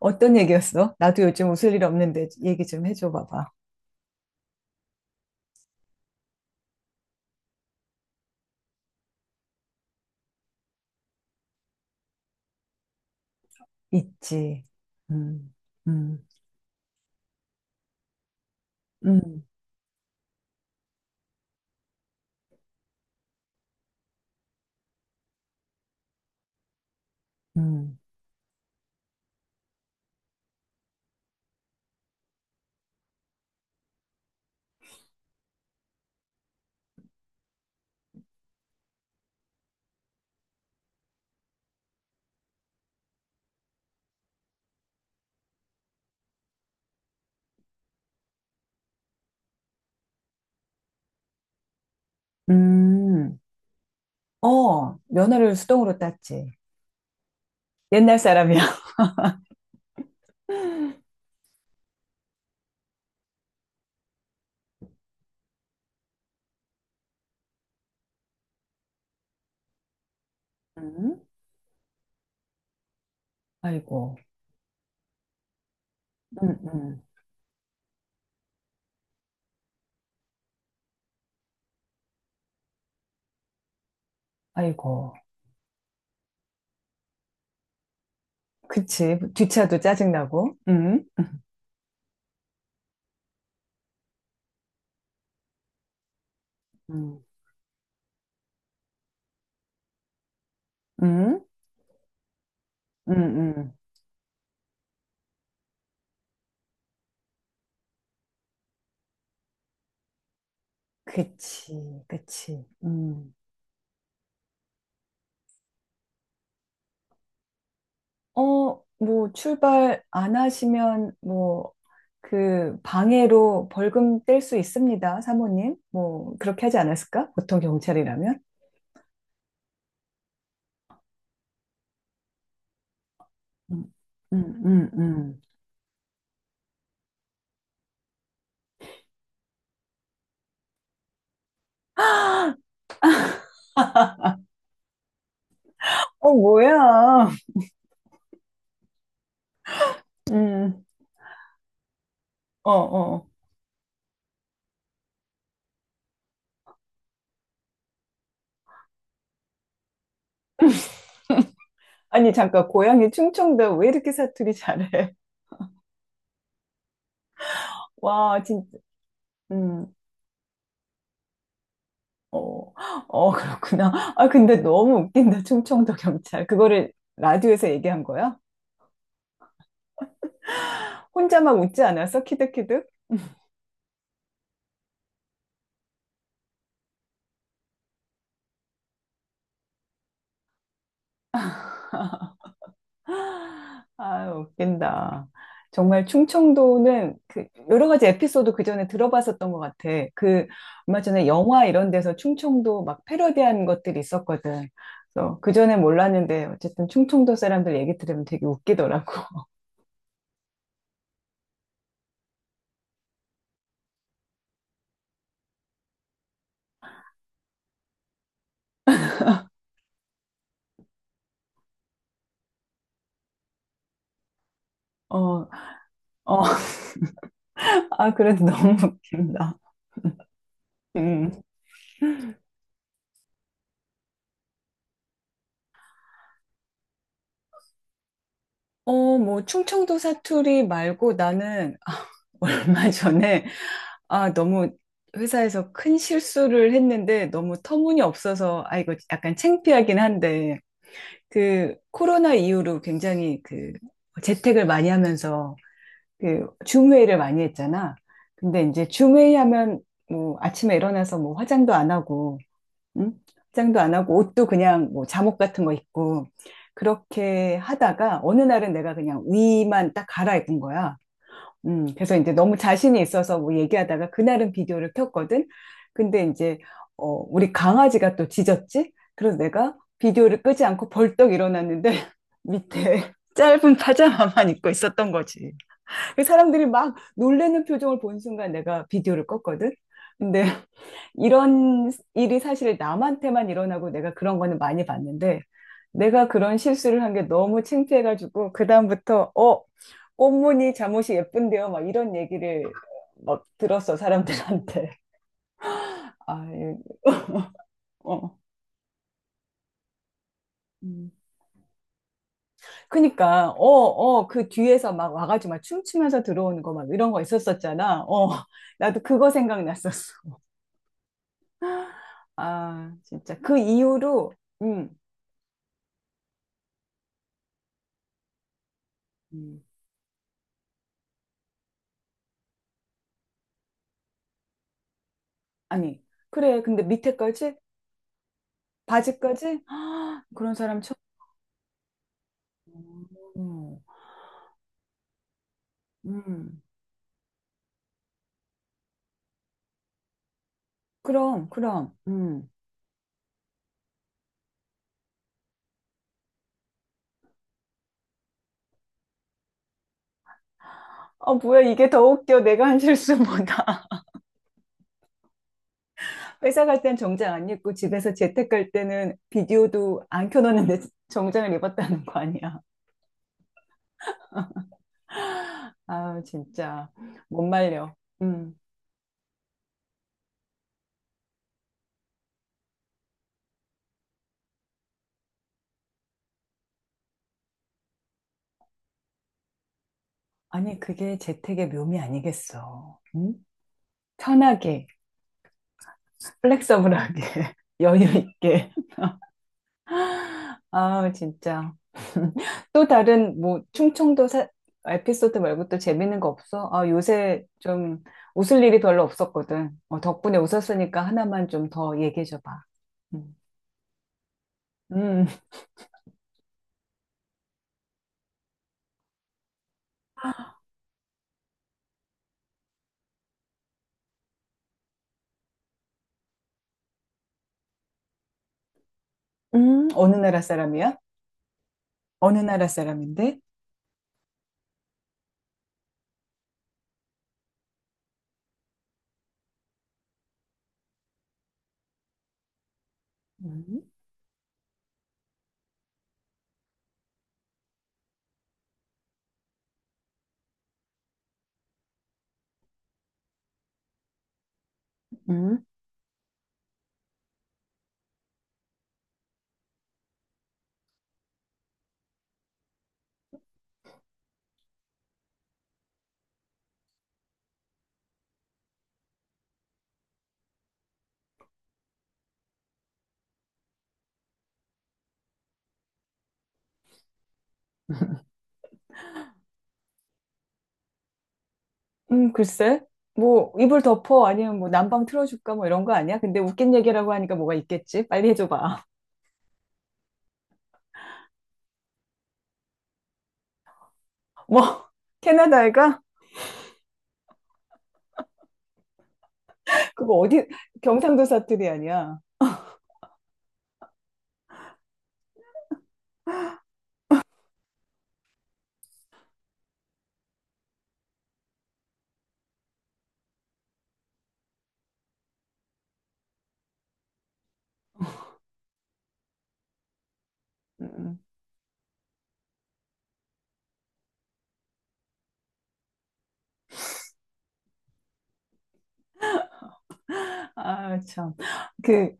어떤 얘기였어? 나도 요즘 웃을 일 없는데 얘기 좀 해줘 봐봐. 있지. 음, 음, 음, 음. 음. 어, 면허를 수동으로 땄지. 옛날 사람이야. 음, 아이고. 음, 음. 아이고. 그치. 뒷차도 짜증나고. 음, 음, 음, 음. 그치, 그치. 음. 어, 뭐, 출발 안 하시면, 뭐, 그, 방해로 벌금 뗄 수 있습니다, 사모님. 뭐, 그렇게 하지 않았을까? 보통 경찰이라면? 음, 음, 음, 음. 어, 뭐야. 음, 어, 어. 아니, 잠깐, 고향이 충청도 왜 이렇게 사투리 잘해? 와, 진짜, 음, 어, 어, 그렇구나. 아, 근데 너무 웃긴다, 충청도 경찰. 그거를 라디오에서 얘기한 거야? 혼자 막 웃지 않았어? 키득키득? 아, 웃긴다. 정말 충청도는 그 여러 가지 에피소드 그 전에 들어봤었던 것 같아. 그 얼마 전에 영화 이런 데서 충청도 막 패러디한 것들이 있었거든. 그래서 그 전에 몰랐는데 어쨌든 충청도 사람들 얘기 들으면 되게 웃기더라고. 어, 어, 아, 그래도 너무 웃긴다. 음. 어, 뭐 충청도 사투리 말고 나는 얼마 전에 아, 너무 회사에서 큰 실수를 했는데 너무 터무니없어서, 아, 이거 약간 창피하긴 한데, 그 코로나 이후로 굉장히 그 재택을 많이 하면서 그줌 회의를 많이 했잖아. 근데 이제 줌 회의하면 뭐 아침에 일어나서 뭐 화장도 안 하고, 응? 화장도 안 하고 옷도 그냥 뭐 잠옷 같은 거 입고 그렇게 하다가 어느 날은 내가 그냥 위만 딱 갈아입은 거야. 그래서 이제 너무 자신이 있어서 뭐 얘기하다가 그날은 비디오를 켰거든. 근데 이제, 어, 우리 강아지가 또 짖었지? 그래서 내가 비디오를 끄지 않고 벌떡 일어났는데 밑에 짧은 파자마만 입고 있었던 거지. 그 사람들이 막 놀라는 표정을 본 순간 내가 비디오를 껐거든. 근데 이런 일이 사실 남한테만 일어나고 내가 그런 거는 많이 봤는데 내가 그런 실수를 한 게 너무 창피해가지고 그다음부터 어 꽃무늬 잠옷이 예쁜데요 막 이런 얘기를 막 들었어 사람들한테 아 예. 어. 음. 그니까 어 어 그 뒤에서 막 와가지고 막 춤추면서 들어오는 거 막 이런 거 있었었잖아 어 나도 그거 생각났었어 아, 진짜. 그 이후로, 음, 음. 아니. 그래, 근데 밑에까지? 바지까지? 아, 그런 사람 처음. 어, 음, 음. 그럼, 그럼, 어, 뭐야, 이게 더 웃겨. 내가 한 실수보다. 회사 갈 땐 정장 안 입고 집에서 재택 갈 때는 비디오도 안 켜놓는데 정장을 입었다는 거 아니야. 아, 진짜. 못 말려. 음. 아니, 그게 재택의 묘미 아니겠어. 응? 편하게. 플렉서블하게, 여유 있게. 아, 진짜. 또 다른, 뭐, 충청도 사- 에피소드 말고 또 재밌는 거 없어? 아, 요새 좀 웃을 일이 별로 없었거든. 어, 덕분에 웃었으니까 하나만 좀 더 얘기해줘 봐. 음. 음, 어느 나라 사람이야? 어느 나라 사람인데? 음, 음, 글쎄. 뭐, 이불 덮어? 아니면 뭐, 난방 틀어줄까? 뭐, 이런 거 아니야? 근데 웃긴 얘기라고 하니까 뭐가 있겠지? 빨리 해줘봐. 뭐, 캐나다 애가? 그거 어디 경상도 사투리 아니야? 음, 아, 참. 그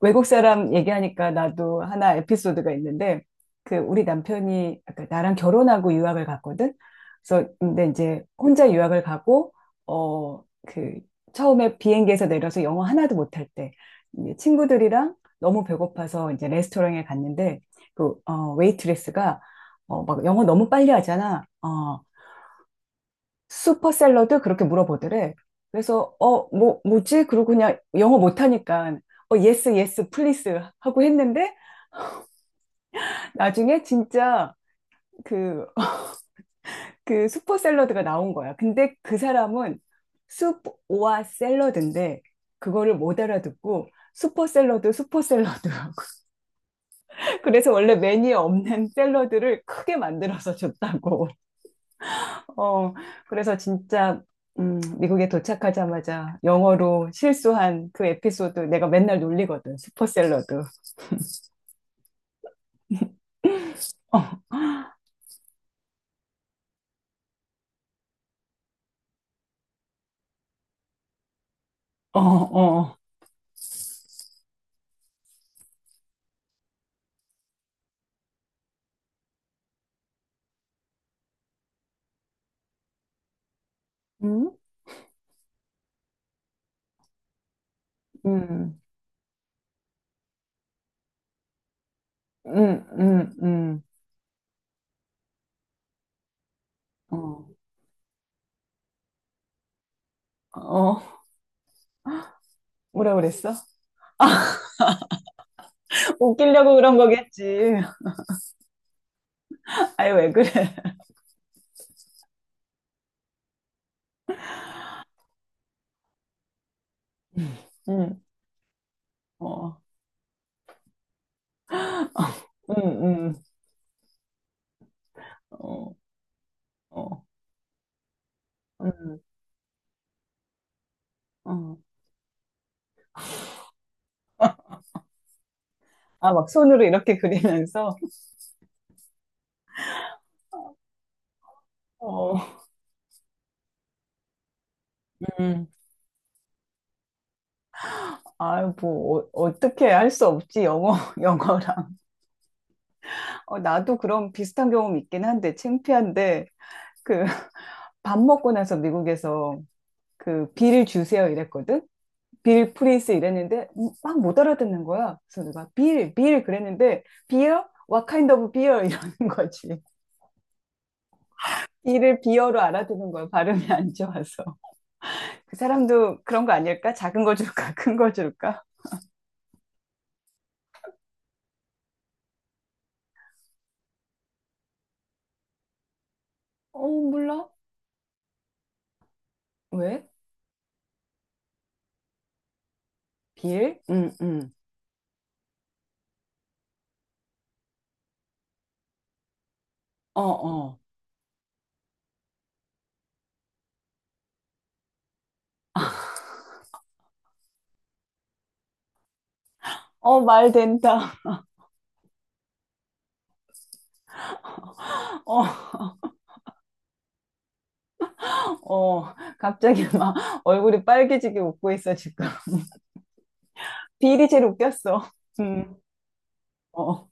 외국 사람 얘기하니까 나도 하나 에피소드가 있는데 그 우리 남편이 아까 나랑 결혼하고 유학을 갔거든. 그래서 근데 이제 혼자 유학을 가고 어 그 처음에 비행기에서 내려서 영어 하나도 못할 때 이제 친구들이랑 너무 배고파서 이제 레스토랑에 갔는데 그 어, 웨이트레스가 어, 막 영어 너무 빨리 하잖아. 어, 슈퍼셀러드 그렇게 물어보더래. 그래서 어, 뭐 뭐지? 그러고 그냥 영어 못하니까 어, 예스 예스 플리스 하고 했는데 나중에 진짜 그 그 슈퍼셀러드가 나온 거야. 근데 그 사람은 숲오와 샐러드인데 그거를 못 알아듣고 슈퍼샐러드 슈퍼샐러드 그래서 원래 메뉴에 없는 샐러드를 크게 만들어서 줬다고. 어, 그래서 진짜, 미국에 도착하자마자 영어로 실수한 그 에피소드 내가 맨날 놀리거든. 슈퍼셀러드. 어, 어, 어. 음? 음, 음, 음, 음. 어, 어. 뭐라 그랬어? 웃기려고 그런 거겠지. 아이, 왜 그래? 음, 음, 어, 음, 음, 어, 어, 음, 어. 아, 막 손으로 이렇게 그리면서, 어, 음. 아유, 뭐, 어, 어떻게 할 수 없지, 영어, 영어랑. 어, 나도 그런 비슷한 경험 있긴 한데, 창피한데, 그, 밥 먹고 나서 미국에서 그, 빌 주세요 이랬거든? 빌 프리스 이랬는데, 막못 알아듣는 거야. 그래서 내가 빌, 빌 그랬는데, 비어? What kind of beer? 이러는 거지. 이를 비어로 알아듣는 거야. 발음이 안 좋아서. 그 사람도 그런 거 아닐까? 작은 거 줄까? 큰 거 줄까? 어, 몰라. 왜? 빌? 응, 응. 어, 어. 어, 말 된다. 어, 어, 갑자기 막 얼굴이 빨개지게 웃고 있어, 지금. 비일이 제일 웃겼어. 음, 어.